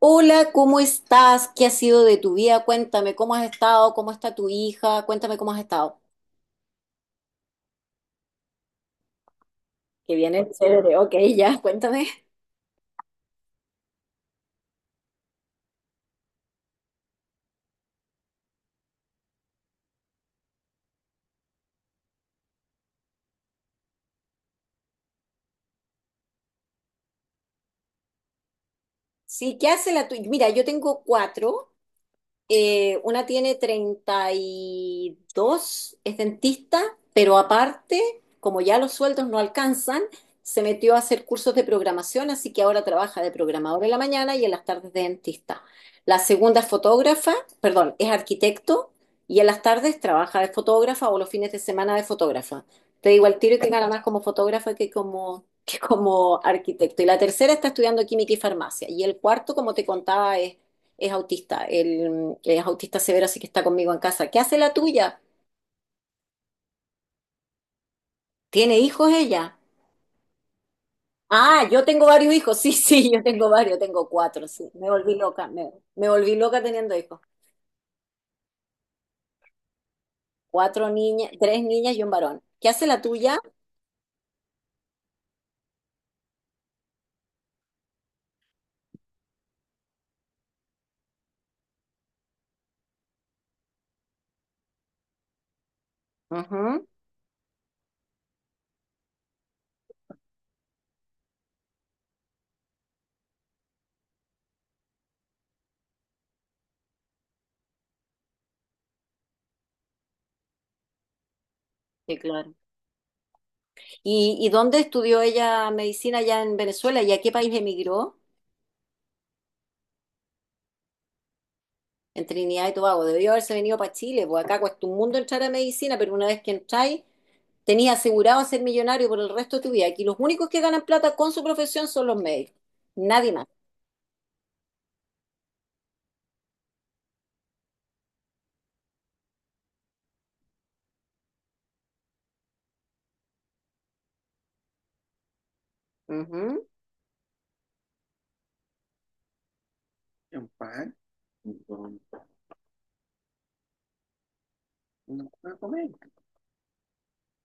Hola, ¿cómo estás? ¿Qué ha sido de tu vida? Cuéntame, ¿cómo has estado? ¿Cómo está tu hija? Cuéntame cómo has estado. Que viene chévere, ok, ya, cuéntame. Sí, ¿qué hace la tuya? Mira, yo tengo cuatro. Una tiene 32, es dentista, pero aparte, como ya los sueldos no alcanzan, se metió a hacer cursos de programación, así que ahora trabaja de programador en la mañana y en las tardes de dentista. La segunda es fotógrafa, perdón, es arquitecto y en las tardes trabaja de fotógrafa o los fines de semana de fotógrafa. Te digo al tiro que gana más como fotógrafa que como arquitecto. Y la tercera está estudiando química y farmacia. Y el cuarto, como te contaba, es autista, él es autista severo, así que está conmigo en casa. ¿Qué hace la tuya? ¿Tiene hijos ella? Ah, yo tengo varios hijos, sí, sí, yo tengo varios, tengo cuatro, sí. Me volví loca, me volví loca teniendo hijos. Cuatro niñas, tres niñas y un varón. ¿Qué hace la tuya? Ujú. Sí, claro. ¿Y dónde estudió ella medicina allá en Venezuela y a qué país emigró? En Trinidad y Tobago. Debió haberse venido para Chile, porque acá cuesta un mundo entrar a medicina, pero una vez que entráis, tenías asegurado ser millonario por el resto de tu vida. Aquí los únicos que ganan plata con su profesión son los médicos, nadie más. Ujú.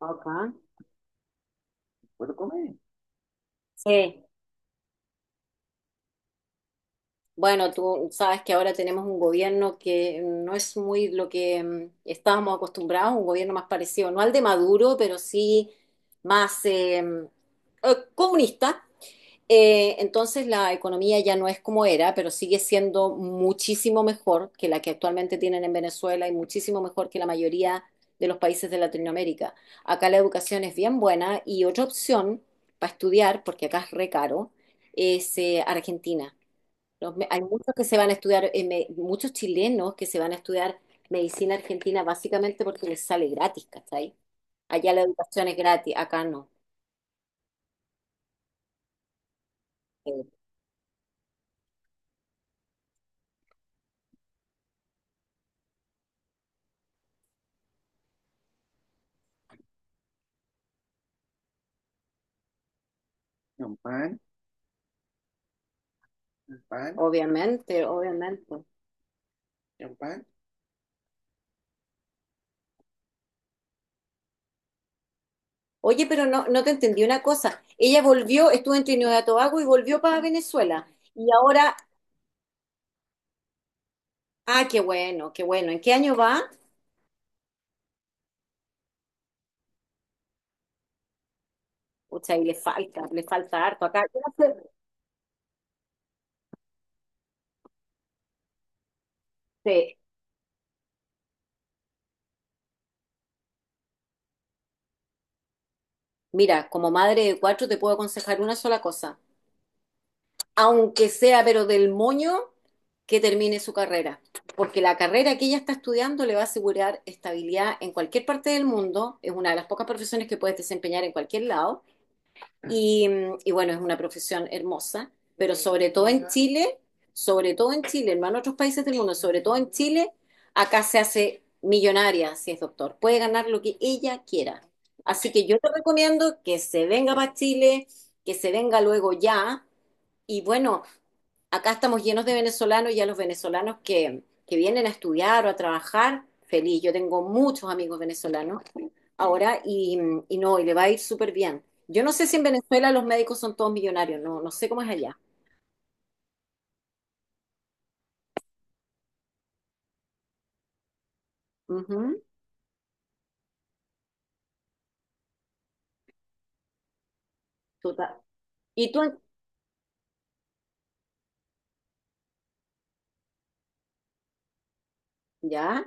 Acá. Sí. Bueno, tú sabes que ahora tenemos un gobierno que no es muy lo que estábamos acostumbrados, un gobierno más parecido, no al de Maduro, pero sí más comunista. Entonces la economía ya no es como era, pero sigue siendo muchísimo mejor que la que actualmente tienen en Venezuela y muchísimo mejor que la mayoría de los países de Latinoamérica. Acá la educación es bien buena y otra opción para estudiar, porque acá es re caro, es Argentina. Hay muchos que se van a estudiar, muchos chilenos que se van a estudiar medicina argentina básicamente porque les sale gratis, ¿cachai? Allá la educación es gratis, acá no. Eh, Obviamente, obviamente. Oye, pero no, no te entendí una cosa. Ella volvió, estuvo en Trinidad y Tobago y volvió para Venezuela. Y ahora, ah, qué bueno, qué bueno. ¿En qué año va? Pucha, ahí le falta harto acá. Yo no sé, sí. Mira, como madre de cuatro te puedo aconsejar una sola cosa. Aunque sea, pero del moño, que termine su carrera. Porque la carrera que ella está estudiando le va a asegurar estabilidad en cualquier parte del mundo. Es una de las pocas profesiones que puedes desempeñar en cualquier lado. Y bueno, es una profesión hermosa, pero sobre todo en Chile, sobre todo en Chile, hermano, otros países del mundo, sobre todo en Chile, acá se hace millonaria si es doctor. Puede ganar lo que ella quiera. Así que yo te recomiendo que se venga para Chile, que se venga luego ya. Y bueno, acá estamos llenos de venezolanos y a los venezolanos que vienen a estudiar o a trabajar, feliz. Yo tengo muchos amigos venezolanos ahora y no, y le va a ir súper bien. Yo no sé si en Venezuela los médicos son todos millonarios, no, no sé cómo es allá. Ujú, total. ¿Y tú? Ya,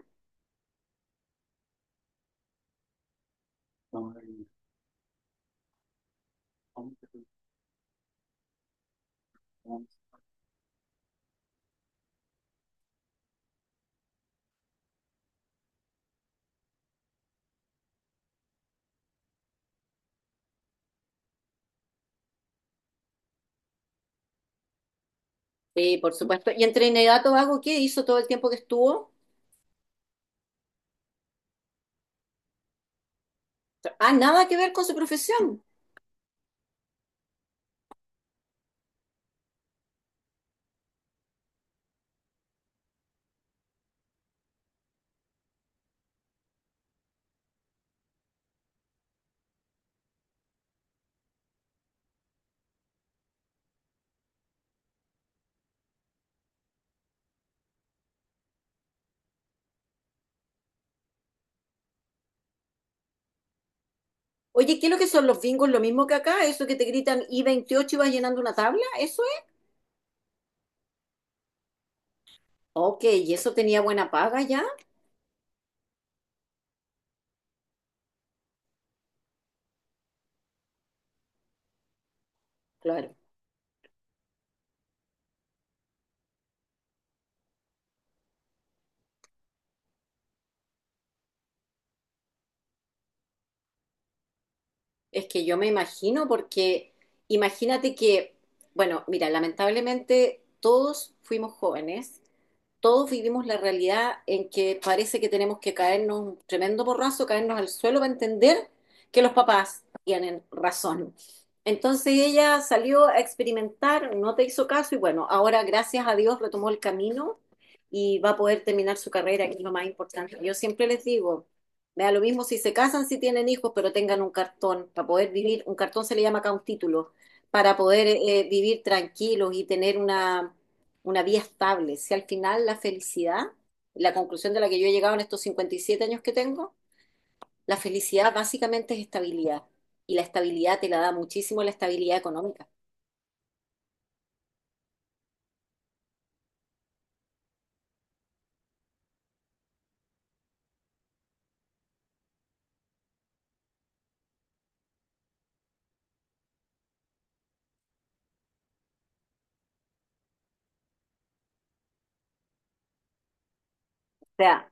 sí, por supuesto. ¿Y en Trinidad y Tobago qué hizo todo el tiempo que estuvo? Ah, nada que ver con su profesión. Oye, ¿qué es lo que son los bingos? Lo mismo que acá, eso que te gritan i 28 y vas llenando una tabla, ¿eso es? Ok, ¿y eso tenía buena paga ya? Claro. Es que yo me imagino porque imagínate que, bueno, mira, lamentablemente todos fuimos jóvenes. Todos vivimos la realidad en que parece que tenemos que caernos un tremendo porrazo, caernos al suelo para entender que los papás tienen razón. Entonces ella salió a experimentar, no te hizo caso y bueno, ahora gracias a Dios retomó el camino y va a poder terminar su carrera, que es lo más importante. Yo siempre les digo, me da lo mismo si se casan, si tienen hijos, pero tengan un cartón para poder vivir, un cartón se le llama acá un título, para poder vivir tranquilos y tener una vía estable. Si al final la felicidad, la conclusión de la que yo he llegado en estos 57 años que tengo, la felicidad básicamente es estabilidad. Y la estabilidad te la da muchísimo la estabilidad económica. O sea,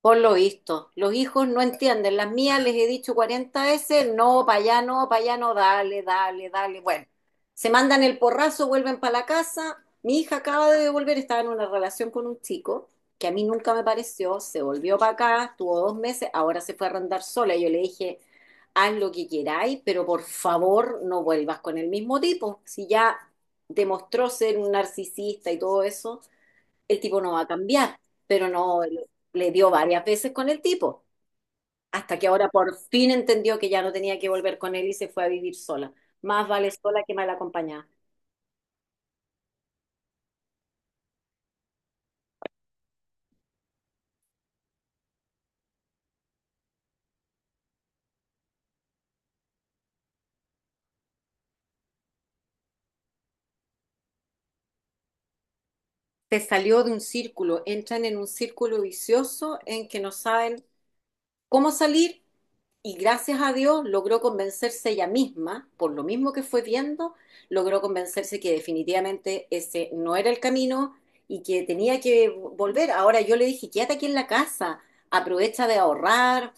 por lo visto, los hijos no entienden. Las mías les he dicho 40 veces, no, para allá no, para allá no, dale, dale, dale. Bueno, se mandan el porrazo, vuelven para la casa. Mi hija acaba de devolver, estaba en una relación con un chico que a mí nunca me pareció, se volvió para acá, estuvo 2 meses, ahora se fue a arrendar sola. Y yo le dije, haz lo que queráis, pero por favor no vuelvas con el mismo tipo. Si ya demostró ser un narcisista y todo eso, el tipo no va a cambiar, pero no le dio varias veces con el tipo, hasta que ahora por fin entendió que ya no tenía que volver con él y se fue a vivir sola. Más vale sola que mal acompañada. Se salió de un círculo, entran en un círculo vicioso en que no saben cómo salir y gracias a Dios logró convencerse ella misma, por lo mismo que fue viendo, logró convencerse que definitivamente ese no era el camino y que tenía que volver. Ahora yo le dije, quédate aquí en la casa, aprovecha de ahorrar,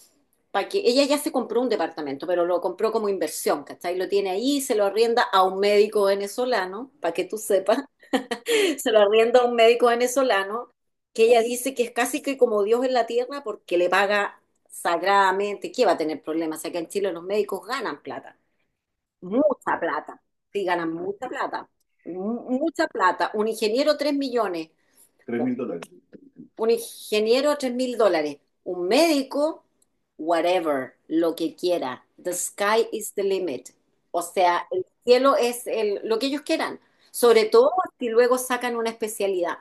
para que ella ya se compró un departamento, pero lo compró como inversión, ¿cachai? Lo tiene ahí, se lo arrienda a un médico venezolano, para que tú sepas, se lo arrienda a un médico venezolano que ella dice que es casi que como Dios en la tierra porque le paga sagradamente. ¿Qué va a tener problemas? O sea, que en Chile los médicos ganan plata, mucha plata. Sí, ganan mucha plata, mucha plata. Un ingeniero 3 millones. Tres un mil dólares. Un ingeniero 3.000 dólares, un médico, whatever, lo que quiera. The sky is the limit. O sea, el cielo es lo que ellos quieran. Sobre todo si luego sacan una especialidad.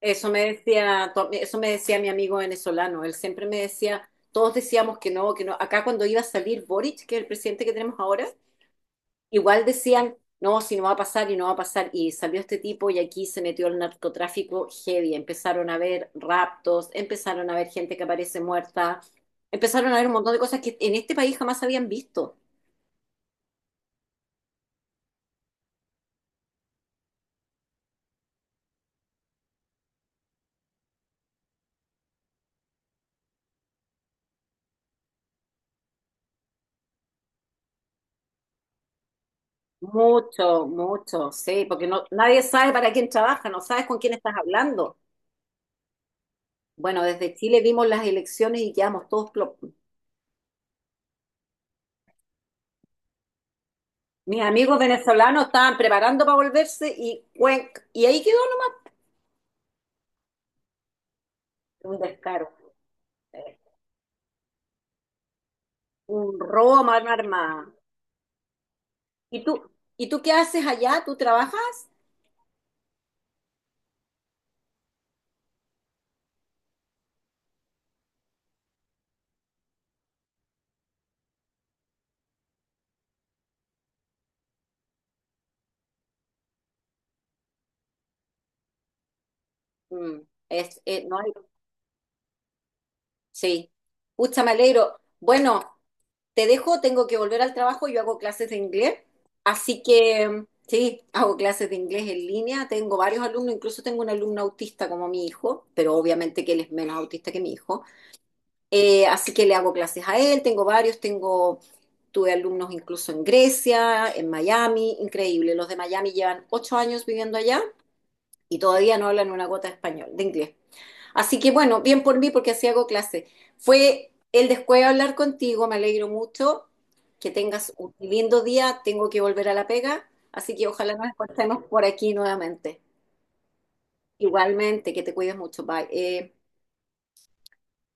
Eso me decía, eso me decía mi amigo venezolano. Él siempre me decía, todos decíamos que no, que no. Acá cuando iba a salir Boric, que es el presidente que tenemos ahora, igual decían, no, si no va a pasar y no va a pasar. Y salió este tipo y aquí se metió el narcotráfico heavy. Empezaron a haber raptos, empezaron a haber gente que aparece muerta, empezaron a haber un montón de cosas que en este país jamás habían visto. Mucho, mucho, sí, porque no, nadie sabe para quién trabaja, no sabes con quién estás hablando. Bueno, desde Chile vimos las elecciones y quedamos todos plo-. Mis amigos venezolanos estaban preparando para volverse y ahí quedó. ¿No? Un descaro, eh, un robo a mano armada. ¿Y tú, y tú qué haces allá? ¿Tú trabajas? Mm, no hay, sí. Pucha, me alegro. Bueno, te dejo, tengo que volver al trabajo, yo hago clases de inglés, así que sí, hago clases de inglés en línea, tengo varios alumnos, incluso tengo un alumno autista como mi hijo, pero obviamente que él es menos autista que mi hijo. Así que le hago clases a él, tengo varios, tengo, tuve alumnos incluso en Grecia, en Miami, increíble. Los de Miami llevan 8 años viviendo allá y todavía no hablan una gota de español, de inglés. Así que bueno, bien por mí porque así hago clases. Fue el después de hablar contigo, me alegro mucho. Que tengas un lindo día, tengo que volver a la pega, así que ojalá nos encontremos por aquí nuevamente. Igualmente, que te cuides mucho, bye.